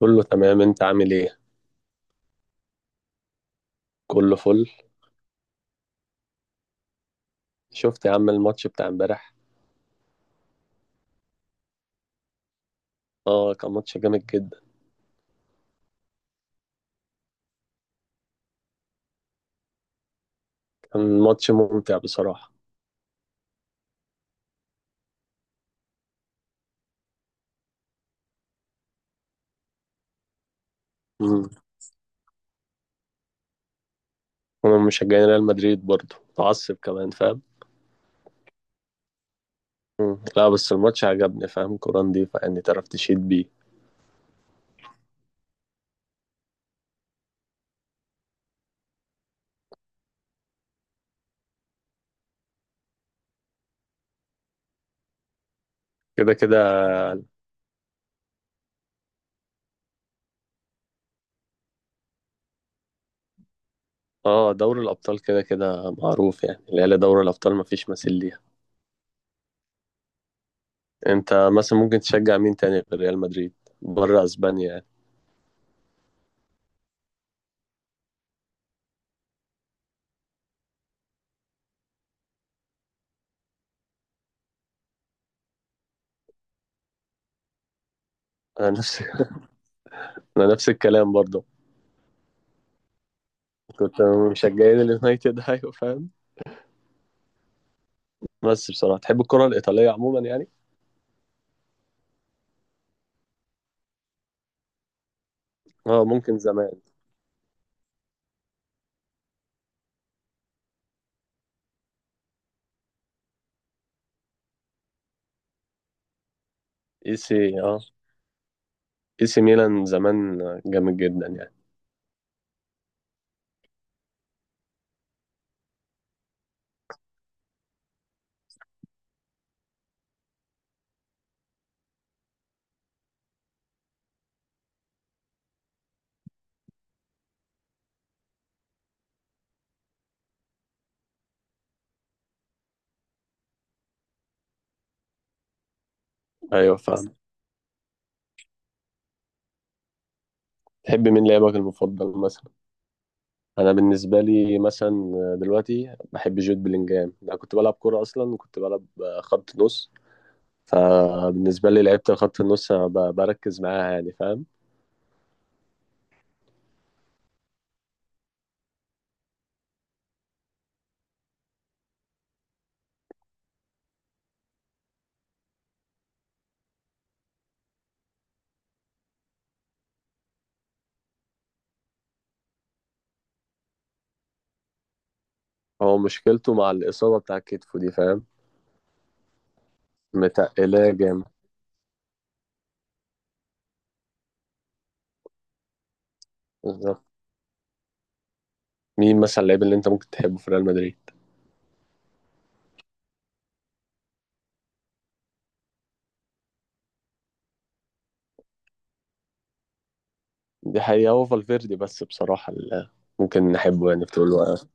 كله تمام، انت عامل ايه؟ كله فل. شفت يا عم الماتش بتاع امبارح؟ اه، كان ماتش جامد جدا. كان ماتش ممتع بصراحة. امم انا مشجعين ريال مدريد برضه متعصب كمان، فاهم؟ لا بس الماتش عجبني، فاهم؟ كورة نضيفة يعني، تعرف تشيد بيه. كده كده. اه دوري الابطال كده كده معروف يعني، العيال دوري الابطال مفيش مثيل ليها. انت مثلا ممكن تشجع مين تاني غير ريال مدريد؟ بره اسبانيا يعني. انا نفس انا نفس الكلام برضه. كنت مشجعين اليونايتد ايوه فاهم. بس بصراحة تحب الكرة الإيطالية عموما يعني؟ اه ممكن زمان. اي سي اه اي سي ميلان زمان جامد جدا يعني. ايوه فاهم. تحب مين لاعبك المفضل مثلا؟ انا بالنسبة لي مثلا دلوقتي بحب جود بلينجهام. انا كنت بلعب كرة اصلا وكنت بلعب خط نص. فبالنسبة لي لعيبة الخط النص أنا بركز معاها يعني، فاهم؟ هو مشكلته مع الإصابة بتاع كتفه دي، فاهم؟ متقلاه جامد. بالظبط. مين مثلا اللعيب اللي انت ممكن تحبه في ريال مدريد؟ دي حقيقة، هو فالفيردي بس بصراحة اللي ممكن نحبه يعني في طول الوقت.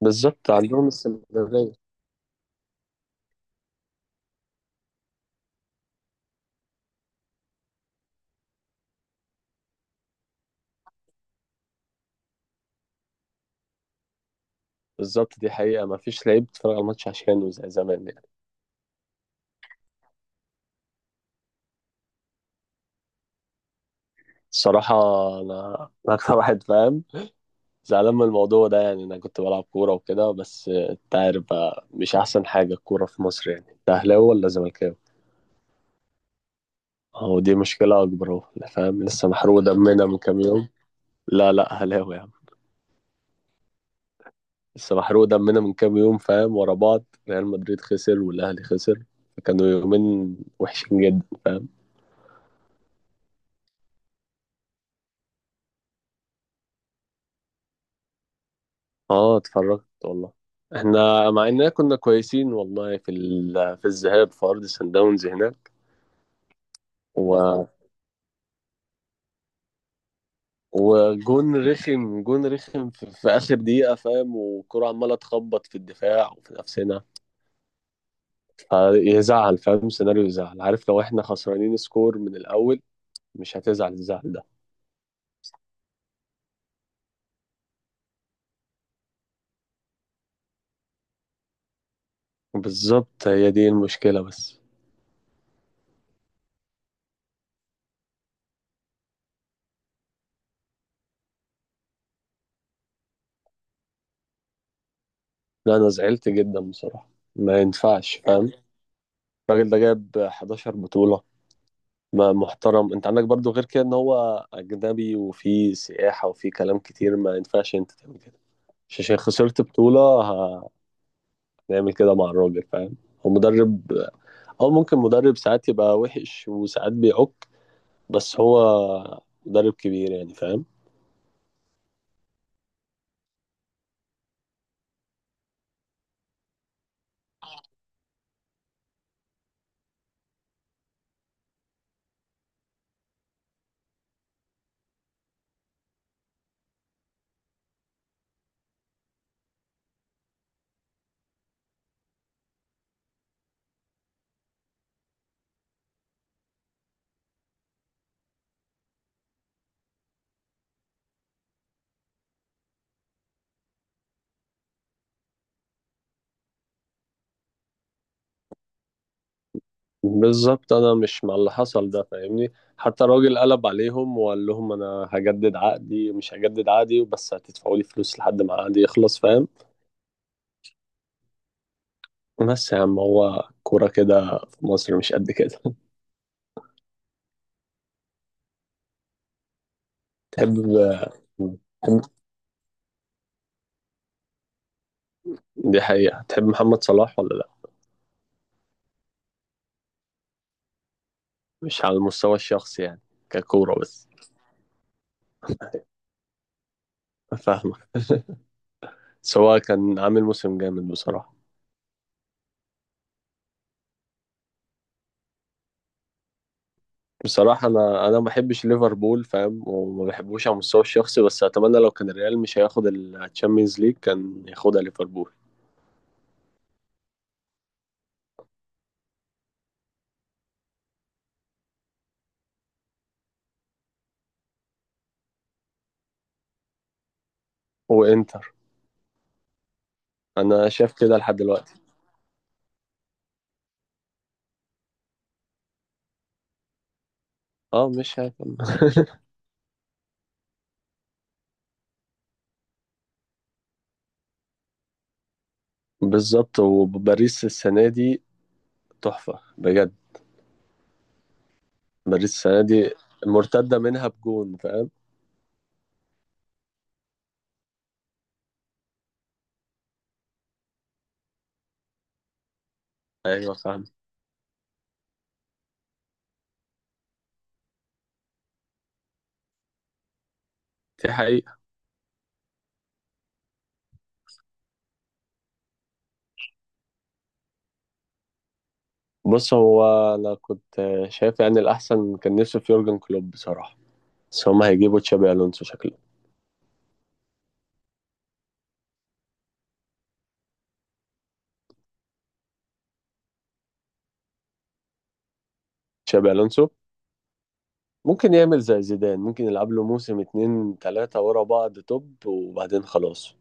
بالظبط، عندهم استمرارية. بالظبط، دي حقيقة، ما فيش لعيب بتتفرج على الماتش عشانه زي زمان يعني. الصراحة أنا أنا أكتر واحد فاهم زعلان من الموضوع ده يعني. أنا كنت بلعب كورة وكده، بس أنت عارف بقى مش أحسن حاجة الكورة في مصر. يعني أنت أهلاوي ولا زملكاوي؟ أهو دي مشكلة أكبر، أهو فاهم، لسه محروق دمنا من كام يوم. لا لا، أهلاوي يا عم. لسه محروق دمنا من كام يوم، فاهم؟ ورا بعض ريال مدريد خسر والاهلي خسر، فكانوا يومين وحشين جدا. اه اتفرجت والله. احنا مع اننا كنا كويسين والله في الذهاب في ارض سان داونز هناك و... وجون رخم، جون رخم في اخر دقيقه، فاهم؟ والكره عماله تخبط في الدفاع وفي نفسنا، فيزعل، فاهم؟ سيناريو يزعل، عارف؟ لو احنا خسرانين سكور من الاول مش هتزعل الزعل ده. بالظبط هي دي المشكله بس. لا، انا زعلت جدا بصراحه. ما ينفعش، فاهم؟ الراجل ده جاب 11 بطوله. ما محترم، انت عندك برضو غير كده ان هو اجنبي وفي سياحه وفي كلام كتير. ما ينفعش انت تعمل كده. مش عشان خسرت بطوله هنعمل كده مع الراجل، فاهم؟ هو مدرب. هو ممكن مدرب ساعات يبقى وحش وساعات بيعك، بس هو مدرب كبير يعني، فاهم؟ بالظبط. انا مش مع اللي حصل ده، فاهمني؟ حتى الراجل قلب عليهم وقال لهم انا هجدد عقدي مش هجدد عقدي بس هتدفعوا لي فلوس لحد ما عقدي يخلص، فاهم؟ بس يا عم هو كورة كده في مصر مش قد كده. تحب تحب- دي حقيقة، تحب محمد صلاح ولا لا؟ مش على المستوى الشخصي يعني، ككورة بس. فاهمك. سواء كان عامل موسم جامد بصراحة. بصراحة أنا ما بحبش ليفربول، فاهم؟ وما بحبوش على المستوى الشخصي، بس أتمنى لو كان الريال مش هياخد الشامبيونز ليج كان ياخدها ليفربول. وإنتر. أنا شايف كده لحد دلوقتي. أه مش هيكمل بالظبط، وباريس السنة دي تحفة بجد. باريس السنة دي مرتدة منها بجون، فاهم؟ أيوة فاهم. دي حقيقة. بص هو، أنا كنت شايف يعني الأحسن، كان نفسي في يورجن كلوب بصراحة، بس هما هيجيبوا تشابي ألونسو شكله. تشابي ألونسو ممكن يعمل زي زيدان، ممكن يلعب له موسم اتنين تلاتة ورا بعض توب وبعدين خلاص.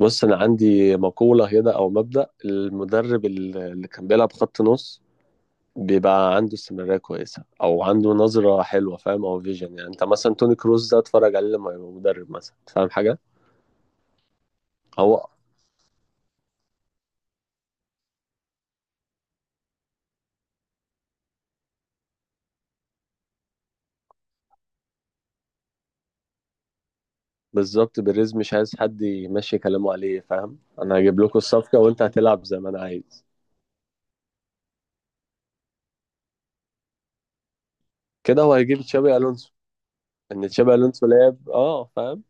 بص أنا عندي مقولة هنا أو مبدأ، المدرب اللي كان بيلعب خط نص بيبقى عنده استمرارية كويسة أو عنده نظرة حلوة، فاهم؟ أو فيجن يعني، أنت مثلا توني كروز ده اتفرج عليه لما يبقى مدرب مثلا، فاهم حاجة؟ هو بالظبط، بيريز مش عايز حد يمشي كلامه عليه، فاهم؟ أنا هجيب لكم الصفقة وأنت هتلعب زي ما أنا عايز. كده هو هيجيب تشابي ألونسو. إن تشابي ألونسو لعب أه، فاهم؟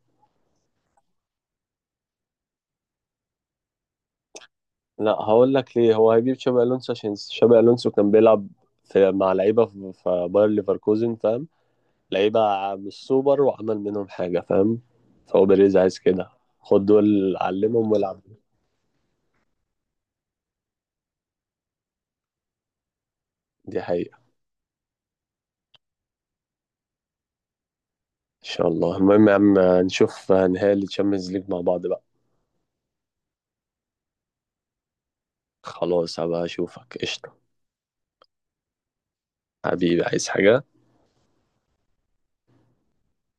لا هقول لك ليه، هو هيجيب شابي الونسو عشان شابي الونسو كان بيلعب في مع لعيبه في في باير ليفركوزن، فاهم؟ لعيبه مش سوبر وعمل منهم حاجه، فاهم؟ فهو بيريز عايز كده، خد دول علمهم والعب. دي حقيقه. ان شاء الله، المهم يا عم نشوف نهائي الشامبيونز ليج مع بعض بقى. خلاص هبقى اشوفك، قشطه. حبيبي عايز حاجه؟